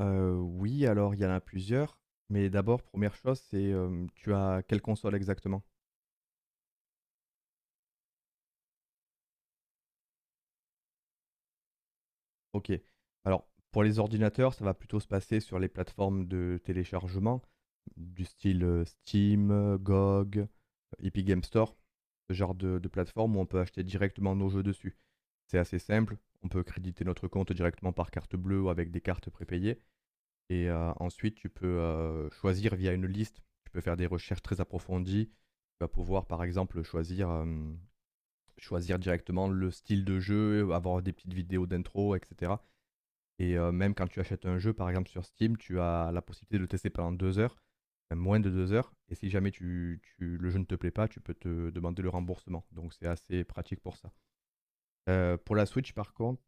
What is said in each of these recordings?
Oui, alors il y en a plusieurs, mais d'abord première chose, c'est, tu as quelle console exactement? OK. Alors pour les ordinateurs, ça va plutôt se passer sur les plateformes de téléchargement du style, Steam, GOG, Epic Game Store, ce genre de plateforme où on peut acheter directement nos jeux dessus. C'est assez simple, on peut créditer notre compte directement par carte bleue ou avec des cartes prépayées. Et ensuite, tu peux, choisir via une liste. Tu peux faire des recherches très approfondies. Tu vas pouvoir, par exemple, choisir directement le style de jeu, avoir des petites vidéos d'intro et cetera. Et même quand tu achètes un jeu, par exemple, sur Steam, tu as la possibilité de le tester pendant 2 heures, même moins de 2 heures. Et si jamais tu tu le jeu ne te plaît pas, tu peux te demander le remboursement. Donc c'est assez pratique pour ça. Pour la Switch, par contre,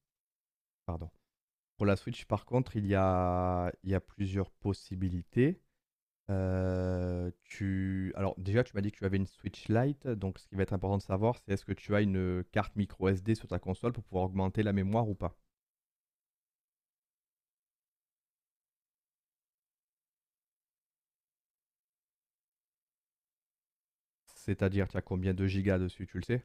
pardon. Pour la Switch, par contre, il y a plusieurs possibilités. Tu Alors déjà, tu m'as dit que tu avais une Switch Lite, donc ce qui va être important de savoir, c'est est-ce que tu as une carte micro SD sur ta console pour pouvoir augmenter la mémoire ou pas? C'est-à-dire, tu as combien de gigas dessus, tu le sais?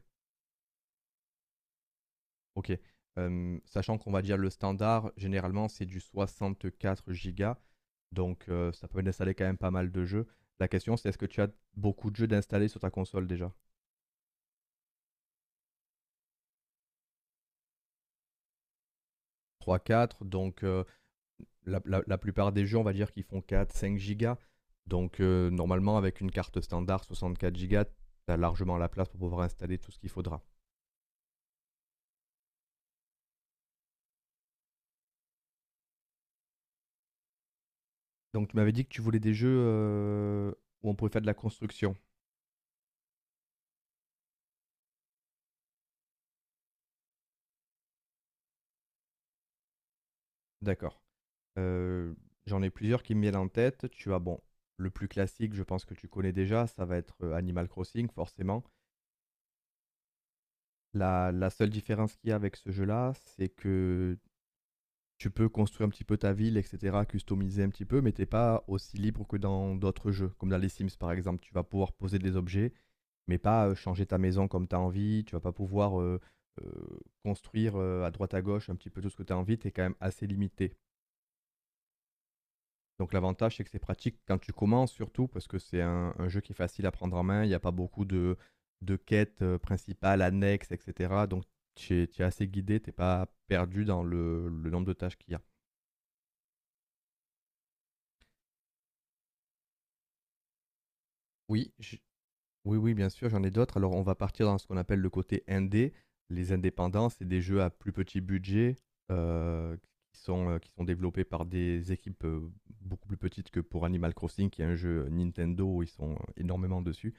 OK. Sachant qu'on va dire le standard, généralement, c'est du 64 gigas. Donc ça permet d'installer quand même pas mal de jeux. La question, c'est est-ce que tu as beaucoup de jeux d'installer sur ta console déjà? Trois, quatre. Donc la plupart des jeux, on va dire, qui font quatre cinq gigas. Donc, normalement, avec une carte standard 64 gigas, tu as largement la place pour pouvoir installer tout ce qu'il faudra. Donc, tu m'avais dit que tu voulais des jeux où on pouvait faire de la construction. D'accord. Euh, J'en ai plusieurs qui me viennent en tête. Tu as, bon, le plus classique, je pense que tu connais déjà, ça va être Animal Crossing, forcément. La seule différence qu'il y a avec ce jeu-là, c'est que tu peux construire un petit peu ta ville, et cetera, customiser un petit peu, mais t'es pas aussi libre que dans d'autres jeux, comme dans les Sims par exemple. Tu vas pouvoir poser des objets, mais pas changer ta maison comme tu as envie. Tu vas pas pouvoir euh, construire à droite à gauche un petit peu tout ce que tu as envie. Tu es quand même assez limité. Donc l'avantage, c'est que c'est pratique quand tu commences surtout, parce que c'est un jeu qui est facile à prendre en main. Il n'y a pas beaucoup de quêtes, principales, annexes, etc. Donc tu es assez guidé, tu n'es pas perdu dans le nombre de tâches qu'il y a. Oui, j- Oui, oui, bien sûr, j'en ai d'autres. Alors, on va partir dans ce qu'on appelle le côté indé. Les indépendants, c'est des jeux à plus petit budget, heu, qui sont développés par des équipes, beaucoup plus petites que pour Animal Crossing, qui est un jeu Nintendo, ils sont énormément dessus.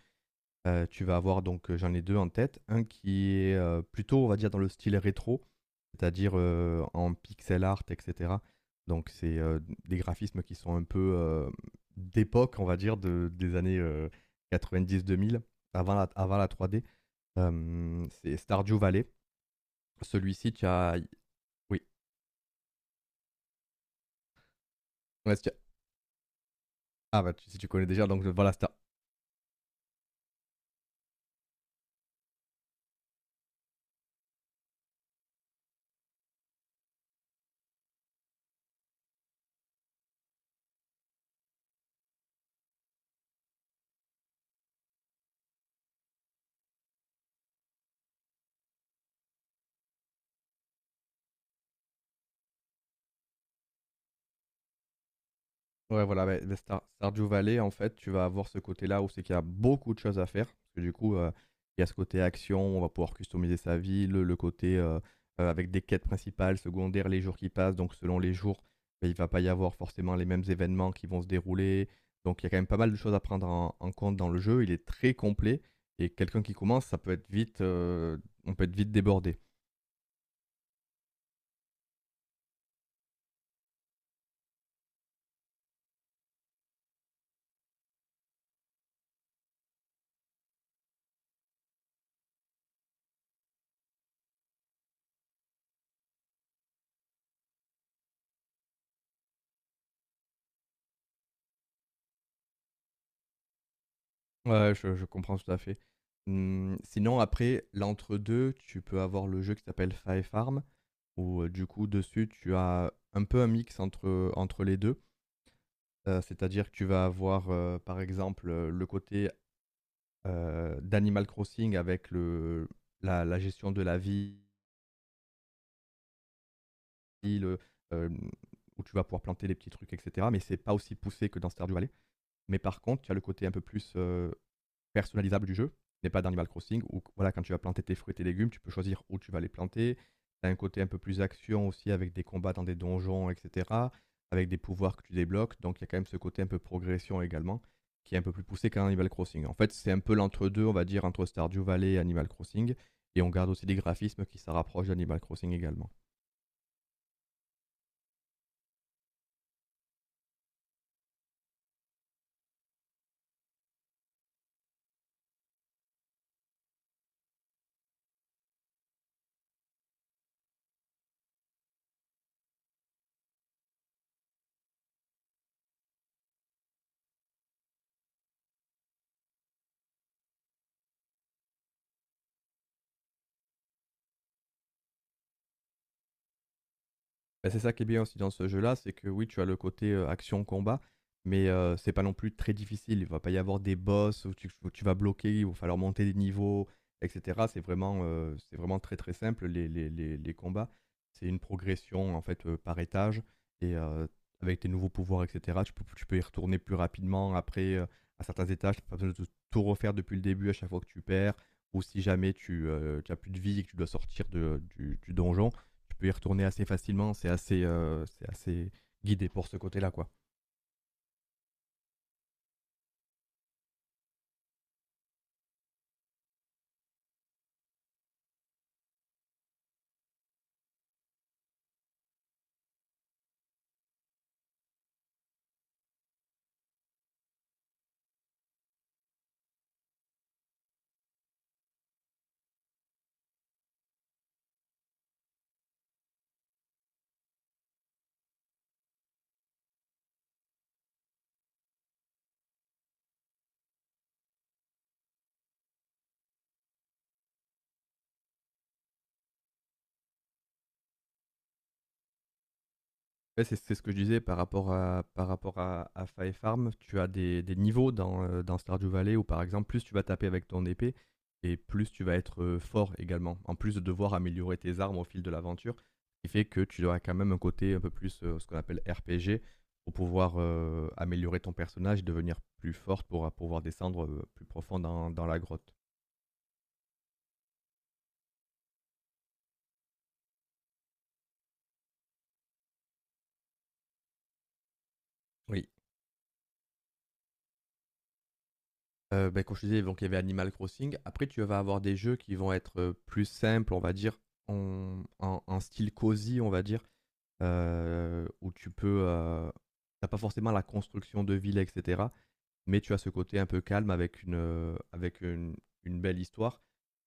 Tu vas avoir donc, j'en ai 2 en tête. Un qui est, plutôt on va dire dans le style rétro, c'est-à-dire, en pixel art et cetera. Donc c'est, des graphismes qui sont un peu, d'époque on va dire de des années, 90-2000, avant la 3D. C'est Stardew Valley. Celui-ci tu as oui, ouais si tu as ah bah, tu, Si tu connais déjà, donc voilà Star Ouais, voilà, mais Stardew Valley, en fait, tu vas avoir ce côté-là où c'est qu'il y a beaucoup de choses à faire. Parce que du coup, il y a ce côté action, on va pouvoir customiser sa ville, le côté, avec des quêtes principales, secondaires, les jours qui passent. Donc, selon les jours, ben, il va pas y avoir forcément les mêmes événements qui vont se dérouler. Donc, il y a quand même pas mal de choses à prendre en compte dans le jeu. Il est très complet et quelqu'un qui commence, ça peut être vite, on peut être vite débordé. Ouais, je comprends tout à fait. Sinon, après, l'entre-deux, tu peux avoir le jeu qui s'appelle Five Farm où du coup dessus tu as un peu un mix entre les deux. C'est-à-dire que tu vas avoir par exemple, le côté d'Animal Crossing avec la gestion de la ville, euh, où tu vas pouvoir planter des petits trucs, etc. Mais c'est pas aussi poussé que dans Stardew Valley. Mais par contre, tu as le côté un peu plus personnalisable du jeu, n'est pas d'Animal Crossing, où voilà, quand tu vas planter tes fruits et tes légumes, tu peux choisir où tu vas les planter. Tu as un côté un peu plus action aussi avec des combats dans des donjons, etc. Avec des pouvoirs que tu débloques. Donc il y a quand même ce côté un peu progression également, qui est un peu plus poussé qu'un Animal Crossing. En fait, c'est un peu l'entre-deux, on va dire, entre Stardew Valley et Animal Crossing. Et on garde aussi des graphismes qui se rapprochent d'Animal Crossing également. Bah, c'est ça qui est bien aussi dans ce jeu-là, c'est que oui, tu as le côté, action-combat, mais c'est pas non plus très difficile. Il va pas y avoir des boss où tu vas bloquer, il va falloir monter des niveaux et cetera. C'est vraiment très, très simple les combats. C'est une progression en fait, par étage et avec tes nouveaux pouvoirs et cetera. Tu peux y retourner plus rapidement après, à certains étages, tu n'as pas besoin de tout refaire depuis le début à chaque fois que tu perds, ou si jamais tu as plus de vie et que tu dois sortir de du donjon, tu peux y retourner assez facilement, c'est assez guidé pour ce côté-là, quoi. Ouais, c'est ce que je disais à Fire Farm, tu as des niveaux dans Stardew Valley où, par exemple, plus tu vas taper avec ton épée, et plus tu vas être fort également, en plus de devoir améliorer tes armes au fil de l'aventure, ce qui fait que tu auras quand même un côté un peu plus, ce qu'on appelle RPG, pour pouvoir améliorer ton personnage, et devenir plus fort pour pouvoir descendre plus profond dans la grotte. Oui. Bah, comme je te disais, donc il y avait Animal Crossing. Après, tu vas avoir des jeux qui vont être, plus simples, on va dire, en style cosy, on va dire, où tu peux, tu pas forcément la construction de ville et cetera, mais tu as ce côté un peu calme avec une belle histoire.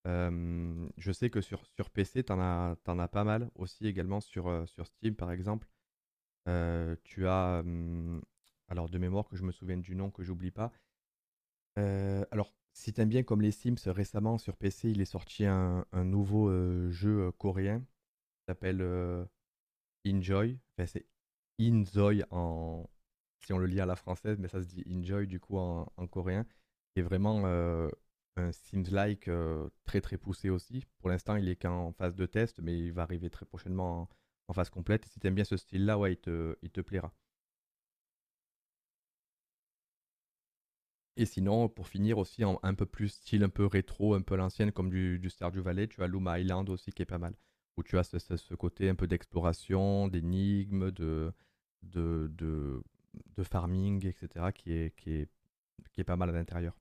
Je sais que sur PC, tu en as t'en as pas mal aussi également sur Steam, par exemple. Heu, tu as, hem, alors, de mémoire, que je me souvienne du nom, que j'oublie pas. Alors, si t'aimes bien comme les Sims, récemment sur PC, il est sorti un nouveau, jeu, coréen, qui s'appelle, Enjoy. Enfin, c'est Inzoï en si on le lit à la française, mais ça se dit Enjoy du coup en coréen. Qui est vraiment, un Sims-like, très, très poussé aussi. Pour l'instant, il est qu'en phase de test, mais il va arriver très prochainement en phase complète. Et si t'aimes bien ce style-là, ouais, il te plaira. Et sinon, pour finir aussi, un peu plus style, un peu rétro, un peu à l'ancienne, comme du Stardew Valley, tu as Loom Island aussi qui est pas mal. Où tu as ce côté un peu d'exploration, d'énigmes, de, de, de farming, etc. qui est pas mal à l'intérieur.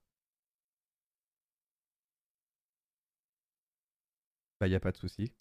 Bah, il n'y a pas de souci.